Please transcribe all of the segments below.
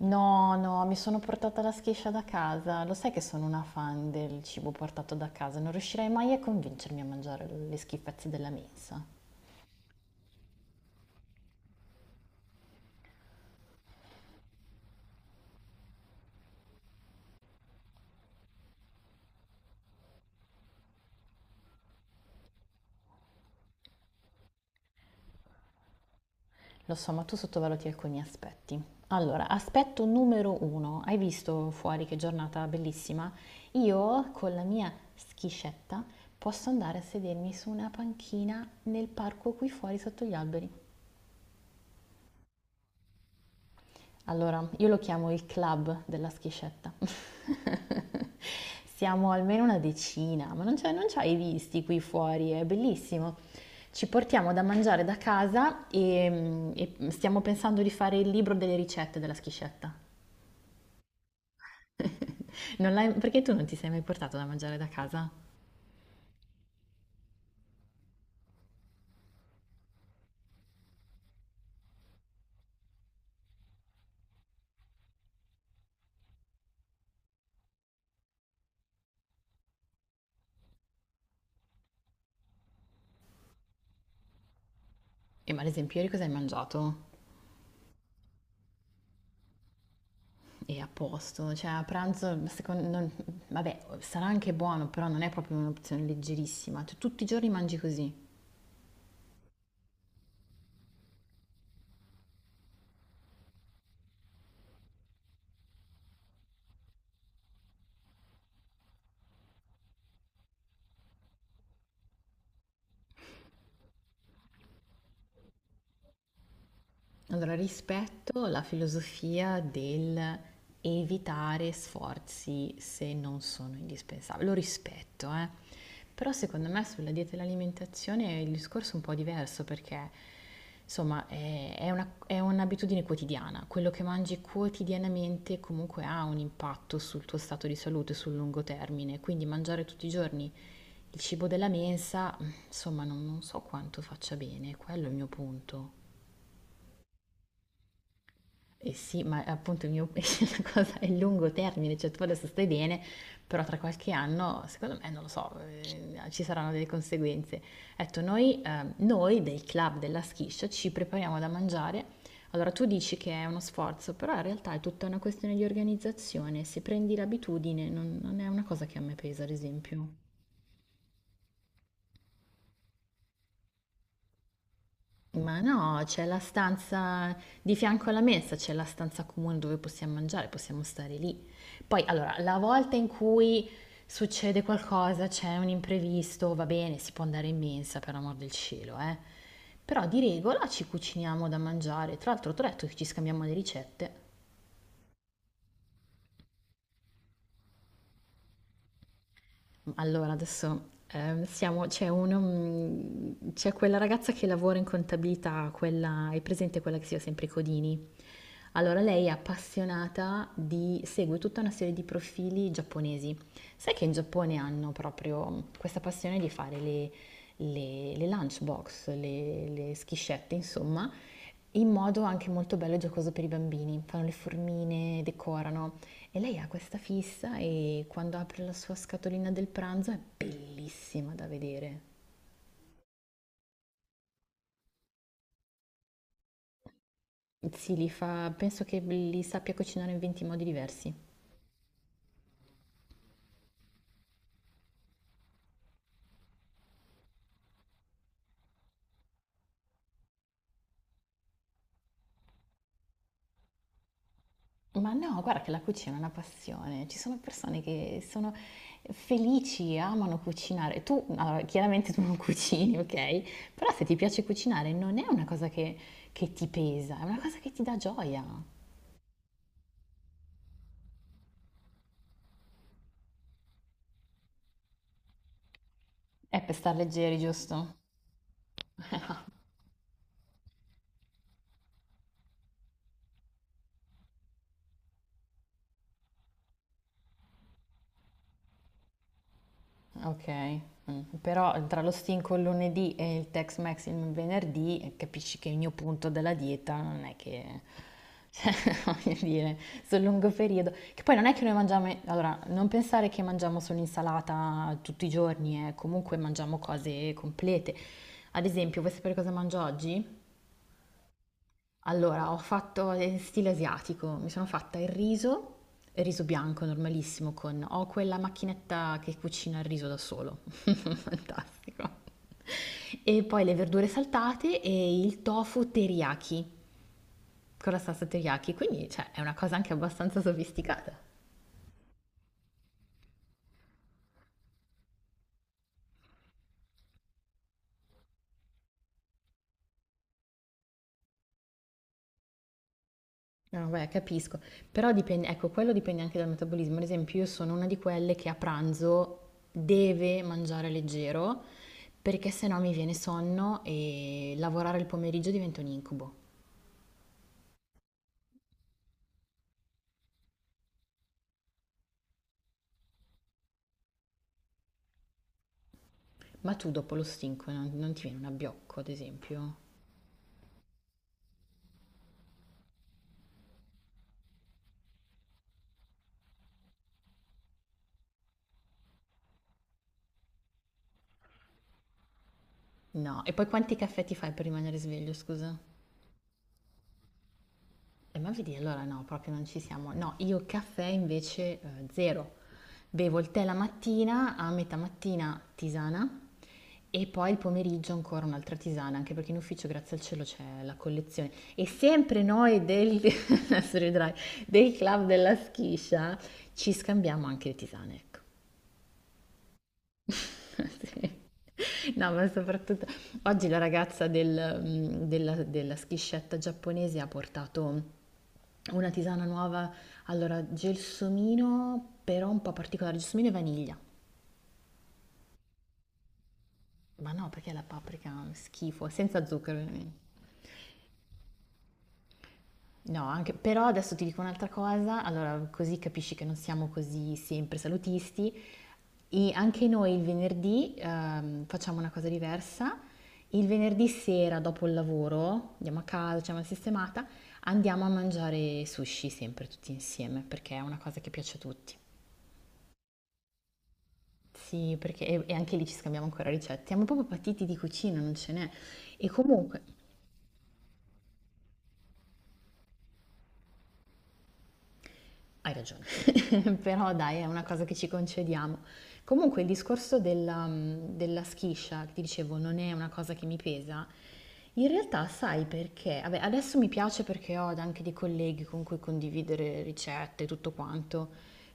No, no, mi sono portata la schiscia da casa. Lo sai che sono una fan del cibo portato da casa, non riuscirei mai a convincermi a mangiare le schifezze della mensa. Lo so, ma tu sottovaluti alcuni aspetti. Allora, aspetto numero uno. Hai visto fuori che giornata bellissima? Io con la mia schiscetta posso andare a sedermi su una panchina nel parco qui fuori sotto gli alberi. Allora, io lo chiamo il club della schiscetta. Siamo almeno una decina, ma non ci hai visti qui fuori, è bellissimo. Ci portiamo da mangiare da casa e stiamo pensando di fare il libro delle ricette della schiscetta. Non l'hai- perché tu non ti sei mai portato da mangiare da casa? E ma ad esempio ieri cosa hai mangiato? E a posto, cioè a pranzo, secondo, vabbè, sarà anche buono, però non è proprio un'opzione leggerissima. Tu tutti i giorni mangi così. Allora, rispetto la filosofia del evitare sforzi se non sono indispensabili, lo rispetto, eh. Però secondo me sulla dieta e l'alimentazione il discorso è un po' diverso perché, insomma, è è un'abitudine quotidiana. Quello che mangi quotidianamente comunque ha un impatto sul tuo stato di salute sul lungo termine, quindi mangiare tutti i giorni il cibo della mensa, insomma, non so quanto faccia bene, quello è il mio punto. Eh sì, ma appunto il mio, la cosa è il lungo termine, cioè tu adesso stai bene, però tra qualche anno, secondo me, non lo so, ci saranno delle conseguenze. Ho detto, noi del club della schiscia ci prepariamo da mangiare. Allora tu dici che è uno sforzo, però in realtà è tutta una questione di organizzazione. Se prendi l'abitudine, non è una cosa che a me pesa, ad esempio. Ma no, c'è la stanza di fianco alla mensa, c'è la stanza comune dove possiamo mangiare, possiamo stare lì. Poi, allora, la volta in cui succede qualcosa, c'è un imprevisto, va bene, si può andare in mensa, per amor del cielo, eh. Però di regola ci cuciniamo da mangiare. Tra l'altro, ti ho detto che ci scambiamo le ricette. Allora adesso, siamo c'è uno mhmm, c'è quella ragazza che lavora in contabilità, quella hai presente quella che si chiama sempre Codini? Allora lei è appassionata di segue tutta una serie di profili giapponesi. Sai che in Giappone hanno proprio questa passione di fare le lunchbox, le schiscette, insomma, in modo anche molto bello e giocoso per i bambini. Fanno le formine, decorano e lei ha questa fissa e quando apre la sua scatolina del pranzo è bellissima da vedere. Sì, li fa, penso che li sappia cucinare in 20 modi diversi. Ma no, guarda che la cucina è una passione. Ci sono persone che sono felici, amano cucinare. Tu, allora, chiaramente tu non cucini, ok? Però se ti piace cucinare non è una cosa che ti pesa, è una cosa che ti dà gioia. È per star leggeri, giusto? Ok, mm. però tra lo stinco il lunedì e il Tex-Mex il venerdì capisci che il mio punto della dieta non è che, cioè, voglio dire, sul lungo periodo, che poi non è che noi mangiamo, allora, non pensare che mangiamo solo insalata tutti i giorni, comunque mangiamo cose complete. Ad esempio, vuoi sapere cosa mangio oggi? Allora, ho fatto in stile asiatico, mi sono fatta il riso bianco normalissimo con... Ho quella macchinetta che cucina il riso da solo, fantastico. E poi le verdure saltate e il tofu teriyaki, con la salsa teriyaki, quindi cioè, è una cosa anche abbastanza sofisticata. No, beh, capisco. Però dipende, ecco, quello dipende anche dal metabolismo. Ad esempio, io sono una di quelle che a pranzo deve mangiare leggero perché sennò mi viene sonno e lavorare il pomeriggio diventa un incubo. Ma tu dopo lo stinco non ti viene un abbiocco, ad esempio? No. E poi quanti caffè ti fai per rimanere sveglio, scusa? Ma vedi, allora no, proprio non ci siamo. No, io caffè invece zero. Bevo il tè la mattina, a metà mattina tisana e poi il pomeriggio ancora un'altra tisana, anche perché in ufficio, grazie al cielo, c'è la collezione. E sempre noi del, adesso riderai, del club della schiscia ci scambiamo anche le tisane, ecco. Sì. No, ma soprattutto oggi la ragazza della schiscetta giapponese ha portato una tisana nuova, allora gelsomino, però un po' particolare, gelsomino e vaniglia. Ma no, perché la paprika è schifo, senza zucchero, ovviamente. No, anche, però adesso ti dico un'altra cosa, allora così capisci che non siamo così sempre salutisti. E anche noi il venerdì facciamo una cosa diversa. Il venerdì sera dopo il lavoro, andiamo a casa, facciamo la sistemata, andiamo a mangiare sushi sempre tutti insieme perché è una cosa che piace a tutti. Sì, perché e anche lì ci scambiamo ancora ricette. Siamo proprio patiti di cucina, non ce n'è. E comunque. Hai ragione, però dai, è una cosa che ci concediamo. Comunque il discorso della schiscia, che ti dicevo, non è una cosa che mi pesa, in realtà sai perché? Vabbè, adesso mi piace perché ho anche dei colleghi con cui condividere ricette e tutto quanto,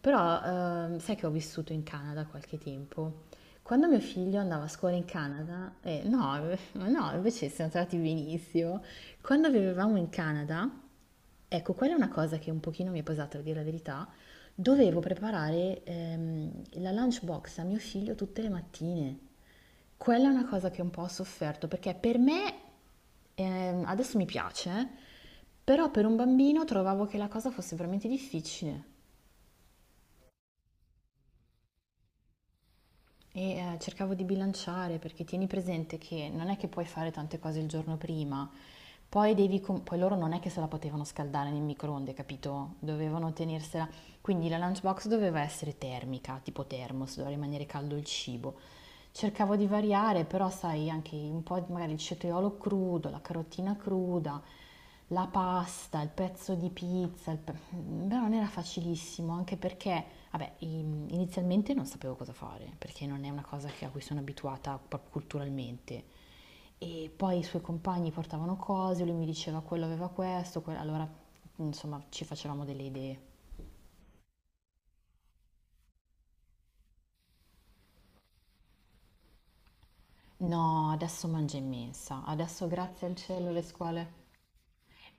però sai che ho vissuto in Canada qualche tempo. Quando mio figlio andava a scuola in Canada, no, no, invece siamo andati benissimo, quando vivevamo in Canada, ecco, quella è una cosa che un pochino mi è pesata, a dire la verità. Dovevo preparare la lunchbox a mio figlio tutte le mattine. Quella è una cosa che un po' ho sofferto, perché per me adesso mi piace, però per un bambino trovavo che la cosa fosse veramente difficile. Cercavo di bilanciare perché tieni presente che non è che puoi fare tante cose il giorno prima, poi devi poi loro non è che se la potevano scaldare nel microonde, capito? Dovevano tenersela. Quindi la lunchbox doveva essere termica, tipo thermos, doveva rimanere caldo il cibo. Cercavo di variare, però sai, anche un po' di- magari il cetriolo crudo, la carotina cruda, la pasta, il pezzo di pizza, il però non era facilissimo, anche perché, vabbè, inizialmente non sapevo cosa fare, perché non è una cosa che- a cui sono abituata proprio culturalmente. E poi i suoi compagni portavano cose, lui mi diceva quello aveva questo, allora insomma ci facevamo delle idee. No, adesso mangia in mensa, adesso grazie al cielo le scuole.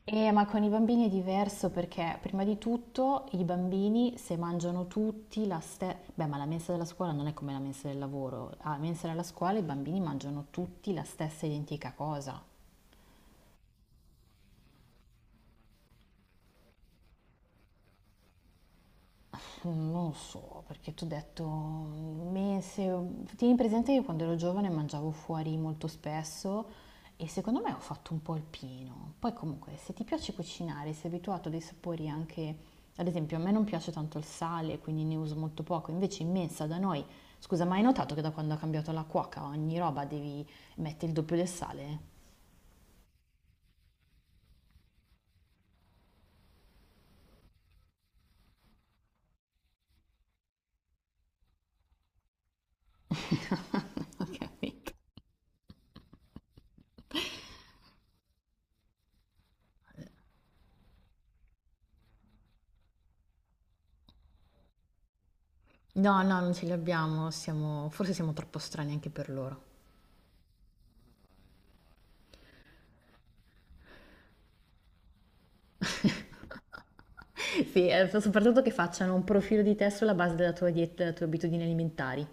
Ma con i bambini è diverso perché prima di tutto i bambini se mangiano tutti la stessa... Beh, ma la mensa della scuola non è come la mensa del lavoro. Alla mensa della scuola i bambini mangiano tutti la stessa identica cosa. Mm, non lo so, perché tu hai detto mese. Tieni presente che quando ero giovane mangiavo fuori molto spesso e secondo me ho fatto un po' il pieno. Poi comunque, se ti piace cucinare, sei abituato a dei sapori anche, ad esempio, a me non piace tanto il sale, quindi ne uso molto poco, invece in mensa da noi, scusa, ma hai notato che da quando ha cambiato la cuoca ogni roba devi mettere il doppio del sale? No, no, non ce li abbiamo, siamo, forse siamo troppo strani anche per loro. Sì, soprattutto che facciano un profilo di te sulla base della tua dieta, delle tue abitudini alimentari.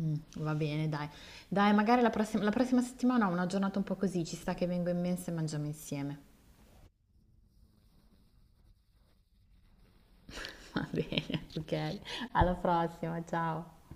Mm, va bene, dai. Dai, magari la prossima settimana ho una giornata un po' così, ci sta che vengo in mensa e mangiamo insieme. Va bene, ok. Alla prossima, ciao.